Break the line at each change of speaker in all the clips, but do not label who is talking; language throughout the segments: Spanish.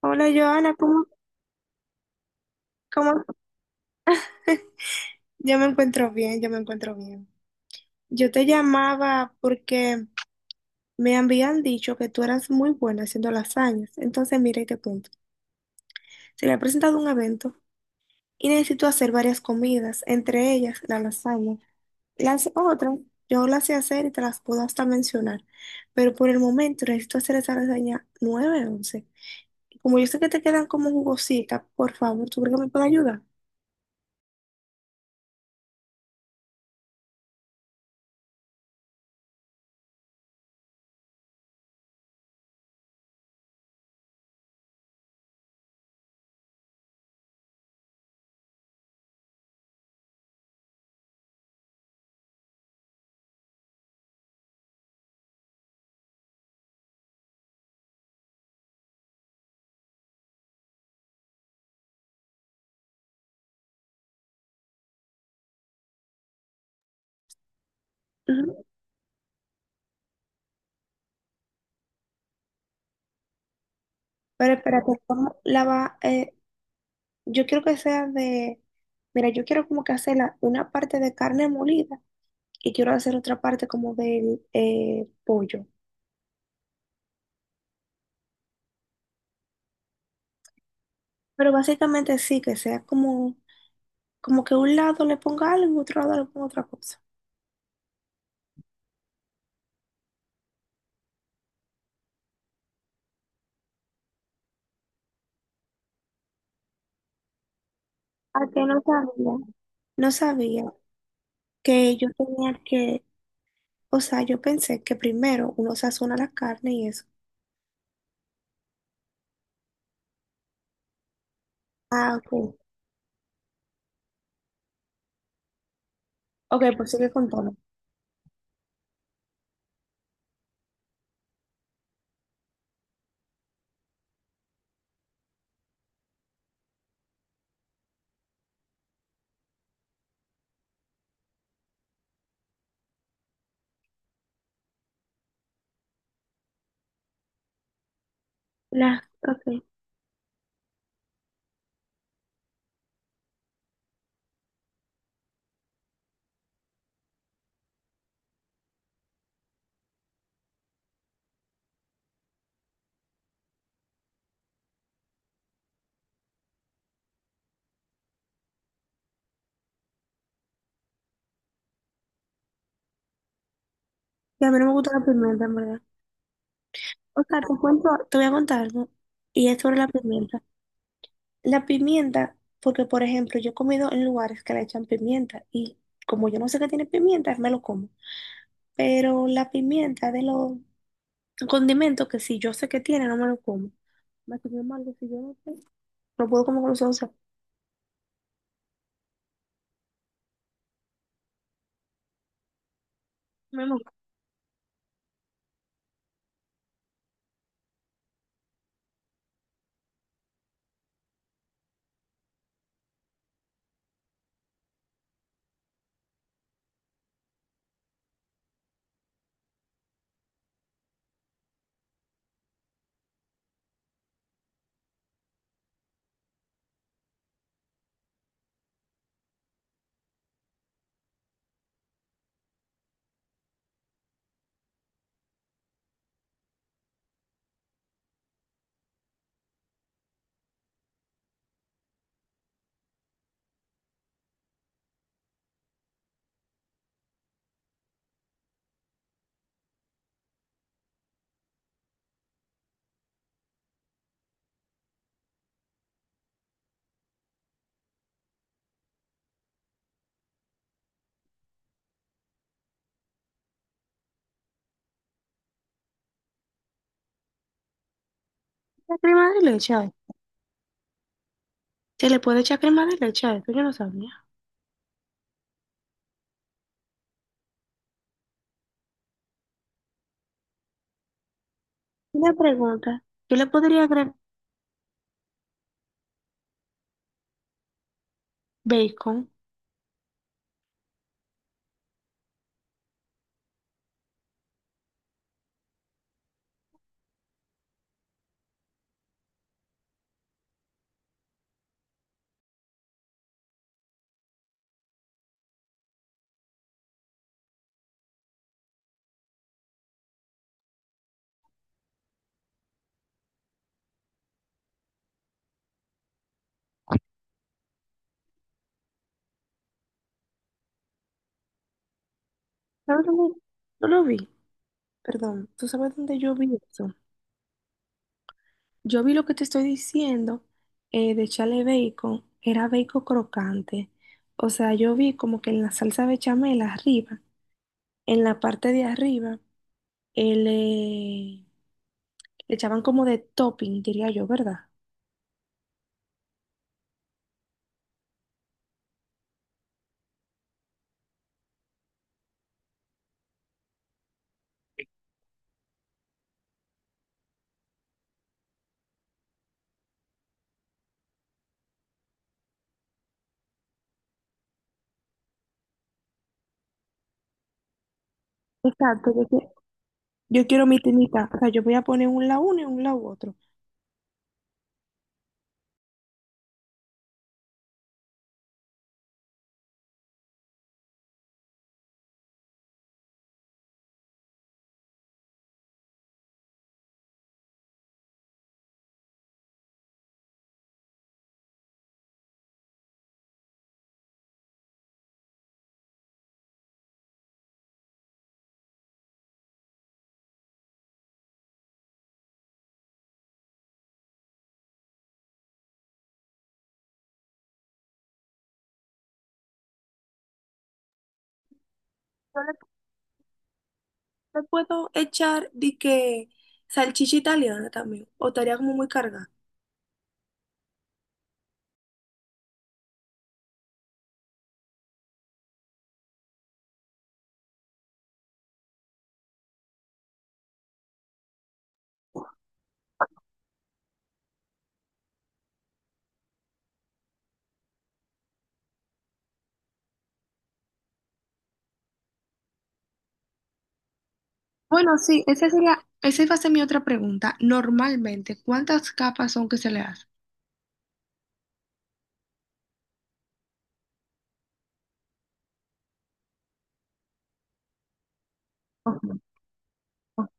Hola Joana, ¿cómo, cómo? Yo me encuentro bien, yo me encuentro bien. Yo te llamaba porque me habían dicho que tú eras muy buena haciendo lasañas. Entonces, mira y te cuento. Se le ha presentado un evento y necesito hacer varias comidas, entre ellas la lasaña. Las otras, yo las sé hacer y te las puedo hasta mencionar, pero por el momento necesito hacer esa lasaña 9-11. Como yo sé que te quedan como jugositas, por favor, ¿tú crees que me puedes ayudar? Ujú. Pero espérate, ¿cómo la va? Yo quiero que sea de, mira, yo quiero como que hacer la una parte de carne molida y quiero hacer otra parte como del pollo. Pero básicamente sí, que sea como, como que un lado le ponga algo y otro lado le ponga otra cosa. ¿A que no sabía? No sabía que yo tenía que, o sea, yo pensé que primero uno sazona la carne y eso. Ah, ok. Ok, pues sigue contando. La, ok. Y a mí no me gusta la pimienta, en verdad. O sea, te cuento, te voy a contar algo. Y es sobre la pimienta. La pimienta, porque por ejemplo, yo he comido en lugares que le echan pimienta y como yo no sé que tiene pimienta, me lo como. Pero la pimienta de los condimentos que si yo sé que tiene, no me lo como. Me comió mal, que si yo no sé, no puedo comer con los ojos cerrados. Mi mamá, ¿la crema de leche? ¿Ay? ¿Se le puede echar crema de leche? A esto yo no sabía. Una pregunta, yo le podría agregar bacon. ¿Sabes dónde? No lo vi. Perdón, ¿tú sabes dónde yo vi eso? Yo vi lo que te estoy diciendo de echarle bacon, era bacon crocante. O sea, yo vi como que en la salsa bechamel arriba, en la parte de arriba, eh, le, le echaban como de topping, diría yo, ¿verdad? Exacto, yo, yo quiero mi tinita. O sea, yo voy a poner un lado uno y un lado otro. Yo le, le puedo echar de que salchicha italiana también, o estaría como muy cargada. Bueno, sí, esa sería, esa iba a ser mi otra pregunta. Normalmente, ¿cuántas capas son que se le hace? Ok, ok.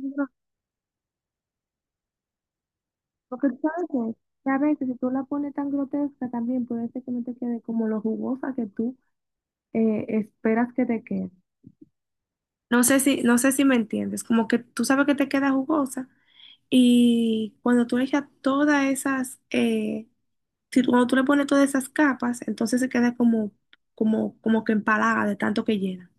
No, porque tú sabes que a veces si tú la pones tan grotesca también puede ser que no te quede como lo jugosa que tú esperas que te quede. No sé si, no sé si me entiendes, como que tú sabes que te queda jugosa y cuando tú le echas todas esas, si tú- cuando tú le pones todas esas capas, entonces se queda como, como, como que empalaga de tanto que llena.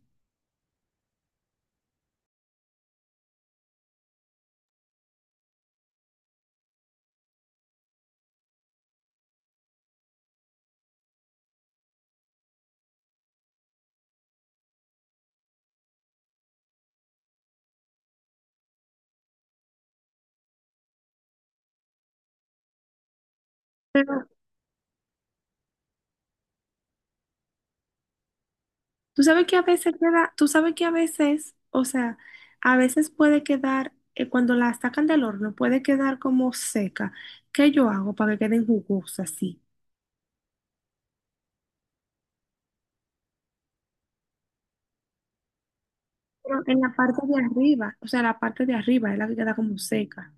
Tú sabes que a veces queda, tú sabes que a veces, o sea, a veces puede quedar, cuando la sacan del horno, puede quedar como seca. ¿Qué yo hago para que queden jugosas así? Pero en la parte de arriba, o sea, la parte de arriba es la que queda como seca.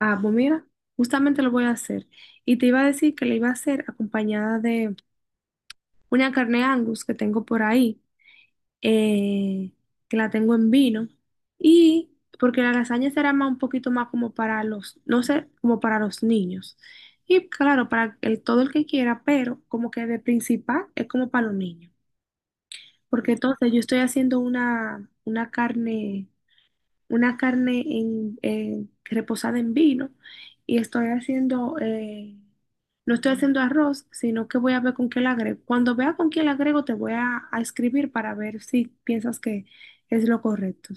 Ah, pues mira, justamente lo voy a hacer. Y te iba a decir que le iba a hacer acompañada de una carne Angus que tengo por ahí. eh, que la tengo en vino. Y porque la lasaña será más un poquito más como para los, no sé, como para los niños. Y claro, para el, todo el que quiera, pero como que de principal es como para los niños. Porque entonces yo estoy haciendo una carne reposada en vino y estoy haciendo, no estoy haciendo arroz, sino que voy a ver con qué la agrego. Cuando vea con qué la agrego, te voy a escribir para ver si piensas que es lo correcto.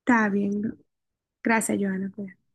Está bien. Gracias, Johanna. Cuídate.